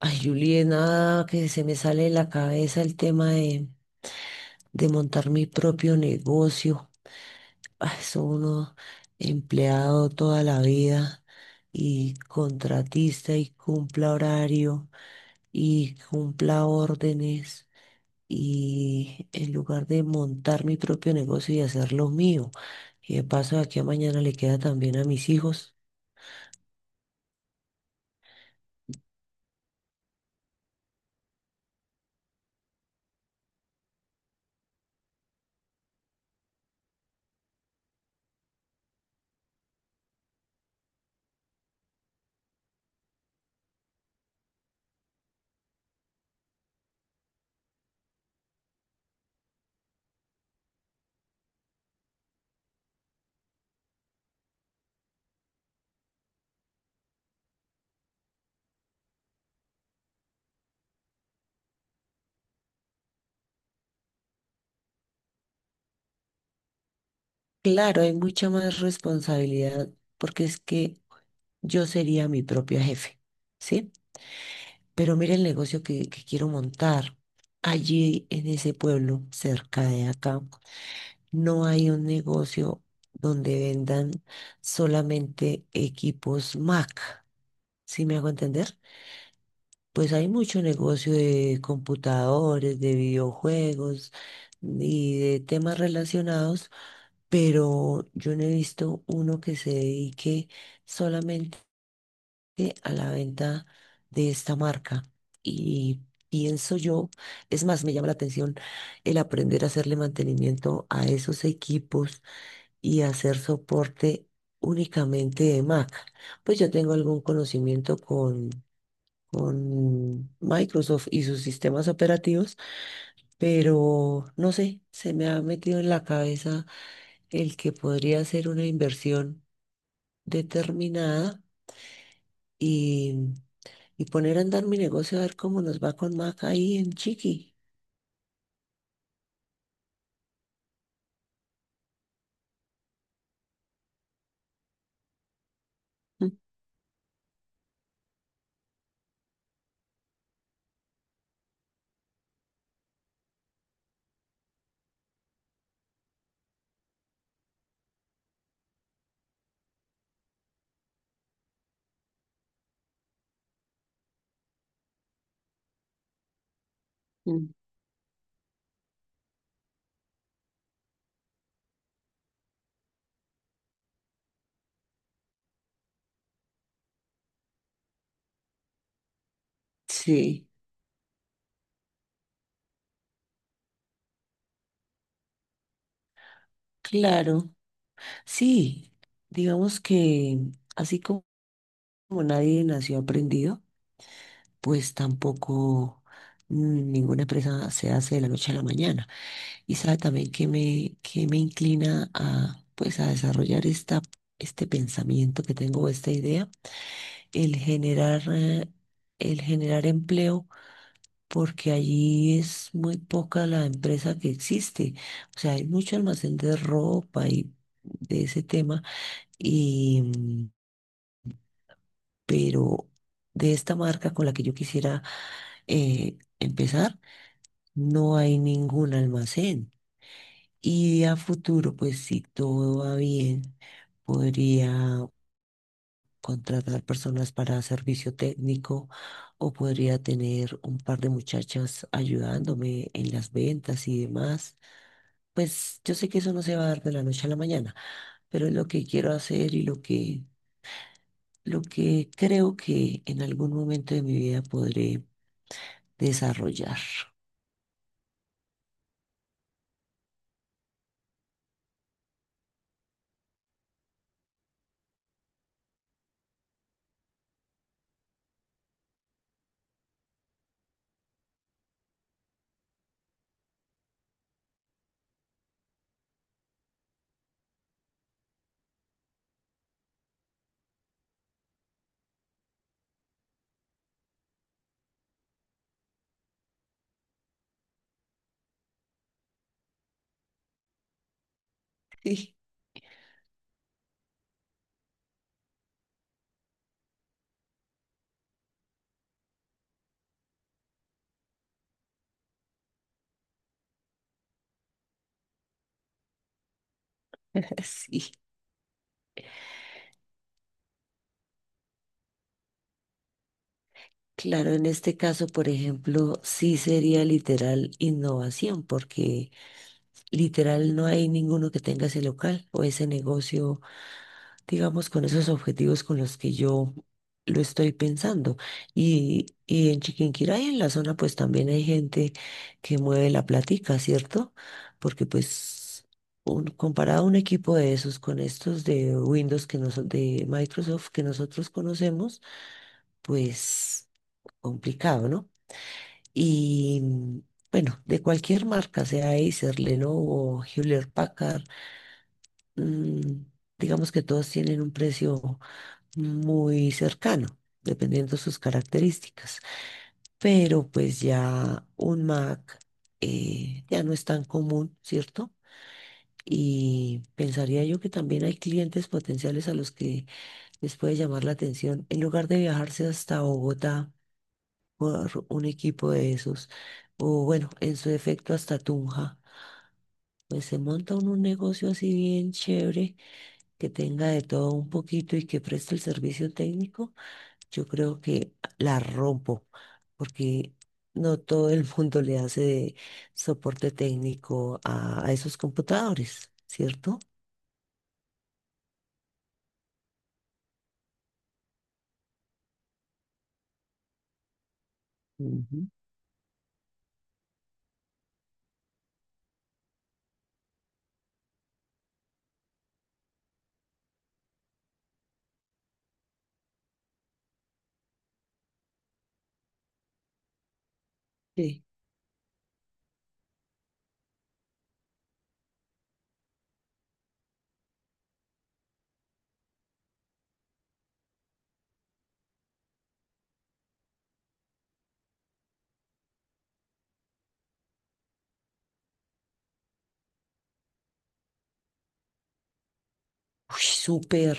Ay, Julie, nada que se me sale de la cabeza el tema de montar mi propio negocio. Ay, soy uno empleado toda la vida y contratista y cumpla horario y cumpla órdenes. Y en lugar de montar mi propio negocio y hacerlo mío, y de paso de aquí a mañana le queda también a mis hijos. Claro, hay mucha más responsabilidad porque es que yo sería mi propia jefe, ¿sí? Pero mira el negocio que quiero montar. Allí en ese pueblo, cerca de acá, no hay un negocio donde vendan solamente equipos Mac. ¿Sí me hago entender? Pues hay mucho negocio de computadores, de videojuegos y de temas relacionados, pero yo no he visto uno que se dedique solamente a la venta de esta marca. Y pienso yo, es más, me llama la atención el aprender a hacerle mantenimiento a esos equipos y hacer soporte únicamente de Mac. Pues yo tengo algún conocimiento con Microsoft y sus sistemas operativos, pero no sé, se me ha metido en la cabeza el que podría ser una inversión determinada y y poner a andar mi negocio a ver cómo nos va con Mac ahí en Chiqui. Ujú. Sí, claro. Sí, digamos que así como nadie nació aprendido, pues tampoco ninguna empresa se hace de la noche a la mañana. Y sabe también que que me inclina a, pues, a desarrollar este pensamiento que tengo, esta idea, el generar, eh, el generar empleo porque allí es muy poca la empresa que existe. O sea, hay mucho almacén de ropa y de ese tema, y, pero de esta marca con la que yo quisiera empezar, no hay ningún almacén. Y a futuro, pues si todo va bien, podría contratar personas para servicio técnico o podría tener un par de muchachas ayudándome en las ventas y demás. Pues yo sé que eso no se va a dar de la noche a la mañana, pero es lo que quiero hacer y lo que creo que en algún momento de mi vida podré desarrollar. Sí. Sí, claro, en este caso, por ejemplo, sí sería literal innovación, porque literal no hay ninguno que tenga ese local o ese negocio digamos, con esos objetivos con los que yo lo estoy pensando. Y en Chiquinquirá y en la zona, pues también hay gente que mueve la platica, ¿cierto? Porque pues un- comparado un equipo de esos con estos de Windows que noso- de Microsoft que nosotros conocemos, pues complicado, ¿no? Y bueno, de cualquier marca, sea Acer, Lenovo, Hewlett Packard, mm, digamos que todos tienen un precio muy cercano, dependiendo de sus características. Pero pues ya un Mac ya no es tan común, ¿cierto? Y pensaría yo que también hay clientes potenciales a los que les puede llamar la atención, en lugar de viajarse hasta Bogotá por un equipo de esos, o bueno, en su defecto hasta Tunja. Pues se monta uno un negocio así bien chévere, que tenga de todo un poquito y que preste el servicio técnico. Yo creo que la rompo, porque no todo el mundo le hace de soporte técnico a esos computadores, ¿cierto? Ujú. Sí. Uy, súper.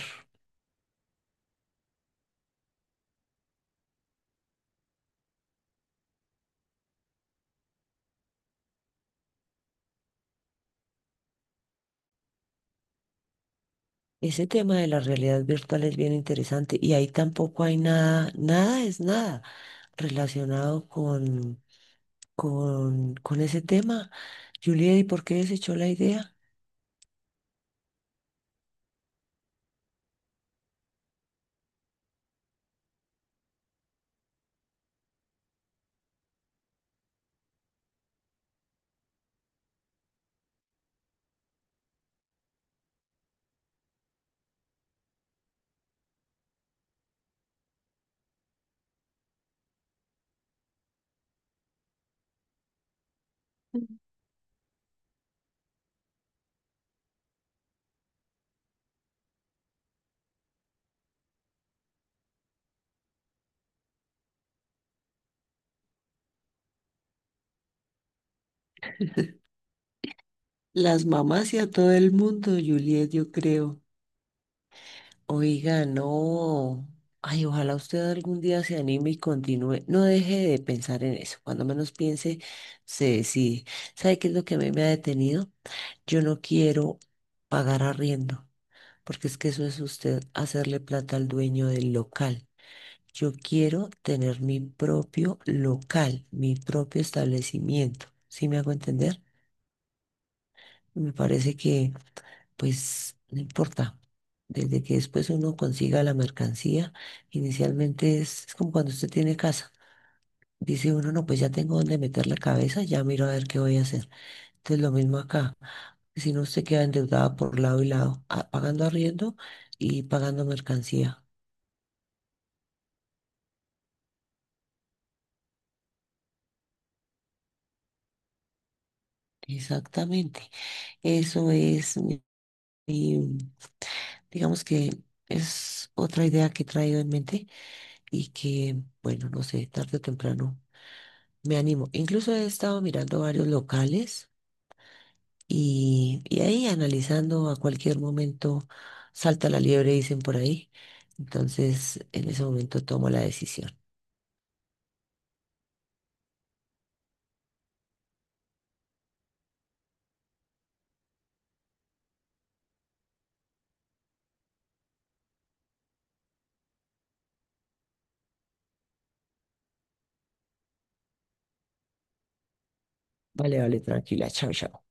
Ese tema de la realidad virtual es bien interesante y ahí tampoco hay nada, nada es nada relacionado con ese tema. Juliet, ¿y por qué desechó la idea? Las mamás y a todo el mundo, Juliet, yo creo. Oiga, no. Ay, ojalá usted algún día se anime y continúe. No deje de pensar en eso. Cuando menos piense, se decide. ¿Sabe qué es lo que a mí me ha detenido? Yo no quiero pagar arriendo, porque es que eso es usted hacerle plata al dueño del local. Yo quiero tener mi propio local, mi propio establecimiento. ¿Sí me hago entender? Me parece que pues no importa. Desde que después uno consiga la mercancía, inicialmente es como cuando usted tiene casa. Dice uno, no, pues ya tengo dónde meter la cabeza, ya miro a ver qué voy a hacer. Entonces lo mismo acá. Si no, usted queda endeudada por lado y lado, a- pagando arriendo y pagando mercancía. Exactamente. Eso es mi, mi- digamos que es otra idea que he traído en mente y que, bueno, no sé, tarde o temprano me animo. Incluso he estado mirando varios locales y ahí analizando a cualquier momento salta la liebre, dicen por ahí. Entonces, en ese momento tomo la decisión. Vale, vale, tranquila. Chao, chao.